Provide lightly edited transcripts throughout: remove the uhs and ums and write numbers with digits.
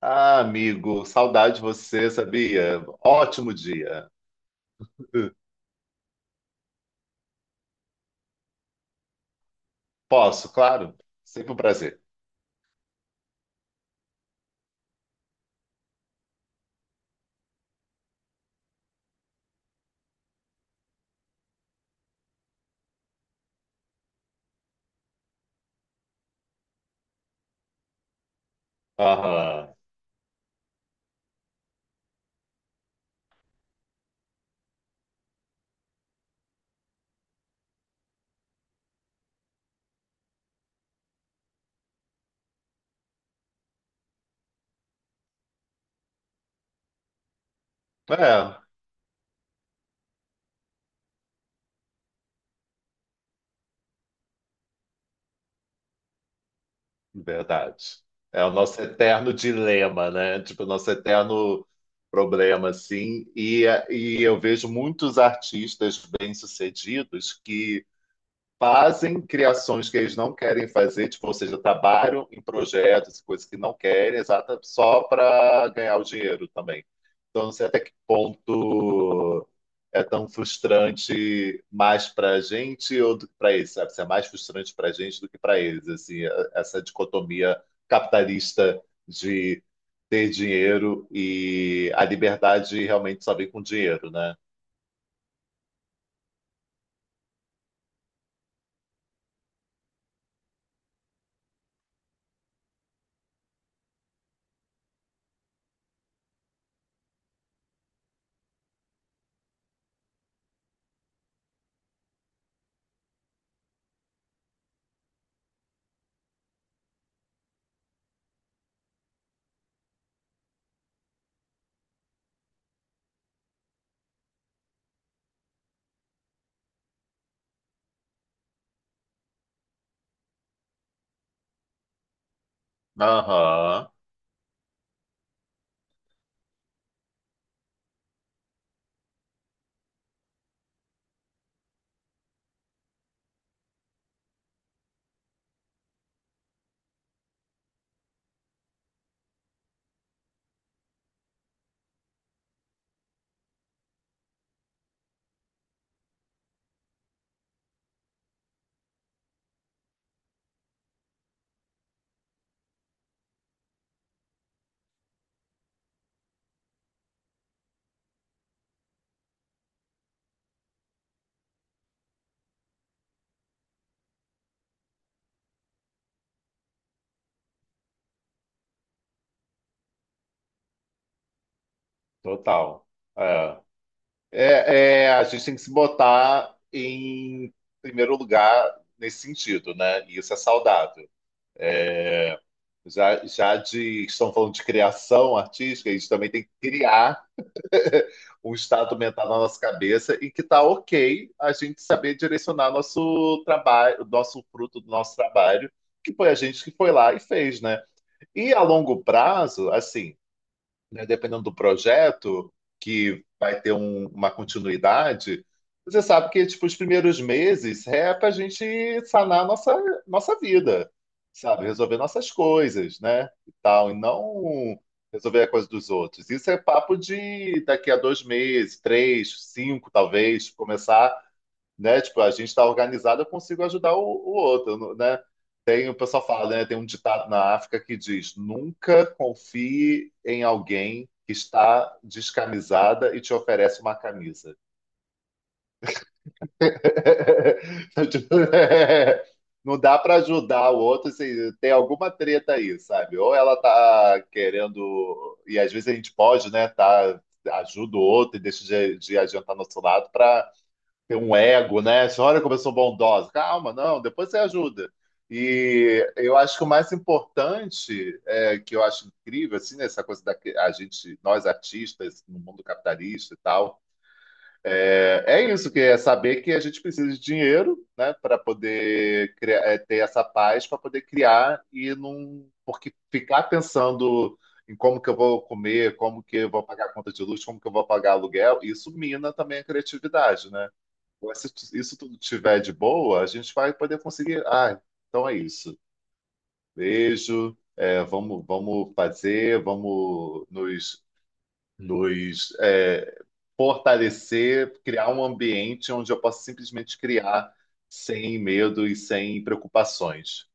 Ah, amigo, saudade de você, sabia? Ótimo dia. Posso, claro. Sempre um prazer. Aham. É, verdade. É o nosso eterno dilema, né? Tipo, o nosso eterno problema, assim. E eu vejo muitos artistas bem-sucedidos que fazem criações que eles não querem fazer, tipo, ou seja, trabalham em projetos, coisas que não querem, exata, só para ganhar o dinheiro também. Então, não sei até que ponto é tão frustrante mais para a gente ou do que para eles, sabe? Se é mais frustrante para a gente do que para eles, assim, essa dicotomia capitalista de ter dinheiro e a liberdade realmente só vem com dinheiro, né? Aham, total. É. É, a gente tem que se botar em primeiro lugar nesse sentido, né? E isso é saudável. Já, já de, estão falando de criação artística, a gente também tem que criar um estado mental na nossa cabeça e que tá ok a gente saber direcionar nosso trabalho, o nosso fruto do nosso trabalho, que foi a gente que foi lá e fez, né? E a longo prazo, assim, né, dependendo do projeto, que vai ter uma continuidade, você sabe que tipo, os primeiros meses é para a gente sanar a nossa vida, sabe? Resolver nossas coisas, né? E tal, e não resolver a coisa dos outros. Isso é papo de daqui a dois meses, três, cinco, talvez, começar, né? Tipo, a gente está organizado, eu consigo ajudar o outro, né? Tem, o pessoal fala, né? Tem um ditado na África que diz: nunca confie em alguém que está descamisada e te oferece uma camisa. Tipo, é, não dá para ajudar o outro se tem alguma treta aí, sabe? Ou ela tá querendo, e às vezes a gente pode, né? Tá, ajuda o outro e deixa de adiantar nosso lado para tem um ego, né? Você olha como eu sou bondosa. Calma, não, depois você ajuda. E eu acho que o mais importante, é, que eu acho incrível, assim, nessa coisa da que a gente, nós artistas, no mundo capitalista e tal, é, é isso, que é saber que a gente precisa de dinheiro, né, para poder criar, é, ter essa paz, para poder criar e não. Porque ficar pensando em como que eu vou comer, como que eu vou pagar a conta de luz, como que eu vou pagar aluguel, isso mina também a criatividade, né? Mas se isso tudo tiver de boa, a gente vai poder conseguir. Ah, então é isso. Beijo. É, vamos, vamos fazer, vamos nos é, fortalecer, criar um ambiente onde eu possa simplesmente criar sem medo e sem preocupações.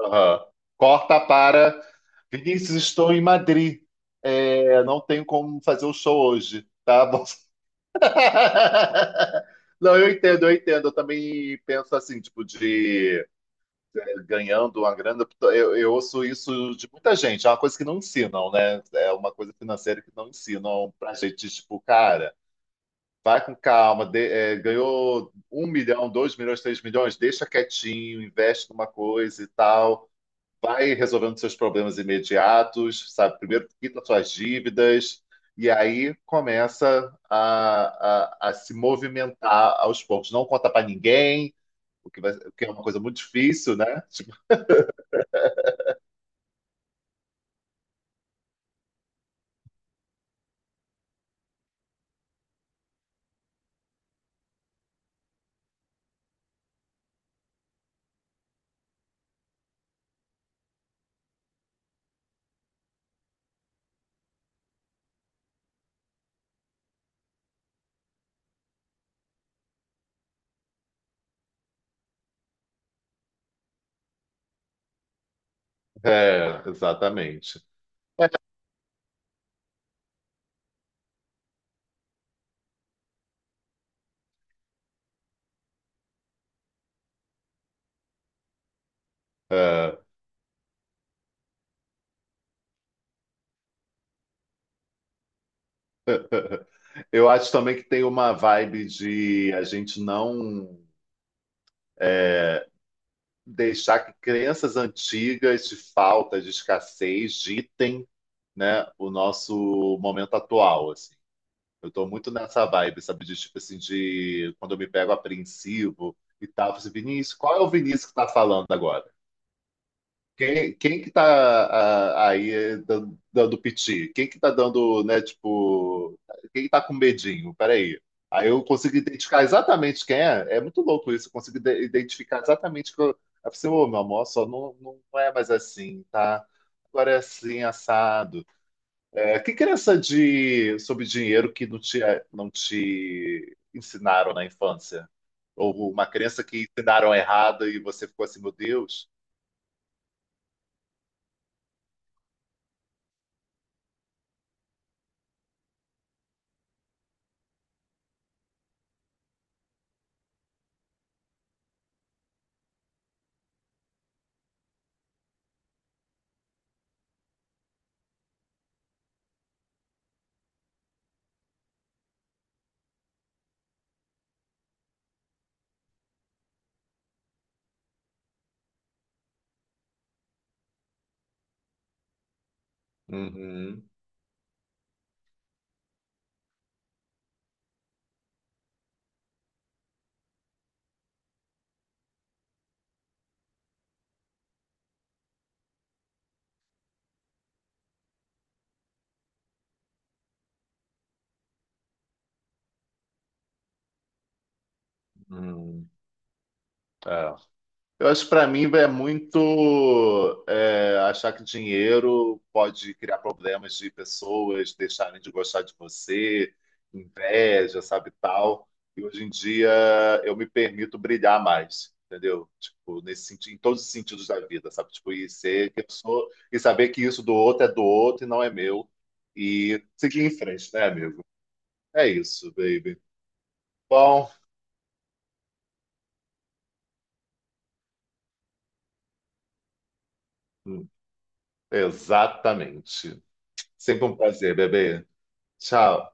Aham. Corta para Vinícius, estou em Madrid. É, não tenho como fazer o show hoje, tá? Bom, não, eu entendo, eu entendo. Eu também penso assim, tipo, de ganhando uma grana. Eu ouço isso de muita gente. É uma coisa que não ensinam, né? É uma coisa financeira que não ensinam pra gente, tipo, cara, vai com calma. Ganhou um milhão, dois milhões, três milhões, deixa quietinho, investe numa coisa e tal. Vai resolvendo seus problemas imediatos, sabe? Primeiro quita suas dívidas, e aí começa a se movimentar aos poucos. Não conta para ninguém, o que, o que é uma coisa muito difícil, né? Tipo, é, exatamente. É, é, eu acho também que tem uma vibe de a gente não deixar que crenças antigas de falta, de escassez, ditem, né, o nosso momento atual, assim. Eu tô muito nessa vibe, sabe? De tipo assim, de quando eu me pego apreensivo e tal. Eu falo assim, Vinícius, qual é o Vinícius que tá falando agora? Quem que tá ah, aí dando, dando piti? Quem que tá dando, né, tipo, quem que tá com medinho? Peraí. Aí eu consigo identificar exatamente quem é. É muito louco isso. Eu consigo identificar exatamente que eu. Aí eu falei assim, ô, meu amor, só não, não é mais assim, tá? Agora é assim, assado. É, que crença de sobre dinheiro que não te ensinaram na infância? Ou uma crença que ensinaram errada e você ficou assim, meu Deus? Uhum, uhum. Eu acho que para mim é muito achar que dinheiro pode criar problemas de pessoas deixarem de gostar de você, inveja, sabe, tal. E hoje em dia eu me permito brilhar mais, entendeu? Tipo, nesse sentido, em todos os sentidos da vida, sabe? Tipo, e ser que eu sou, e saber que isso do outro é do outro e não é meu. E seguir em frente, né, amigo? É isso, baby. Bom, hum, exatamente. Sempre um prazer, bebê. Tchau.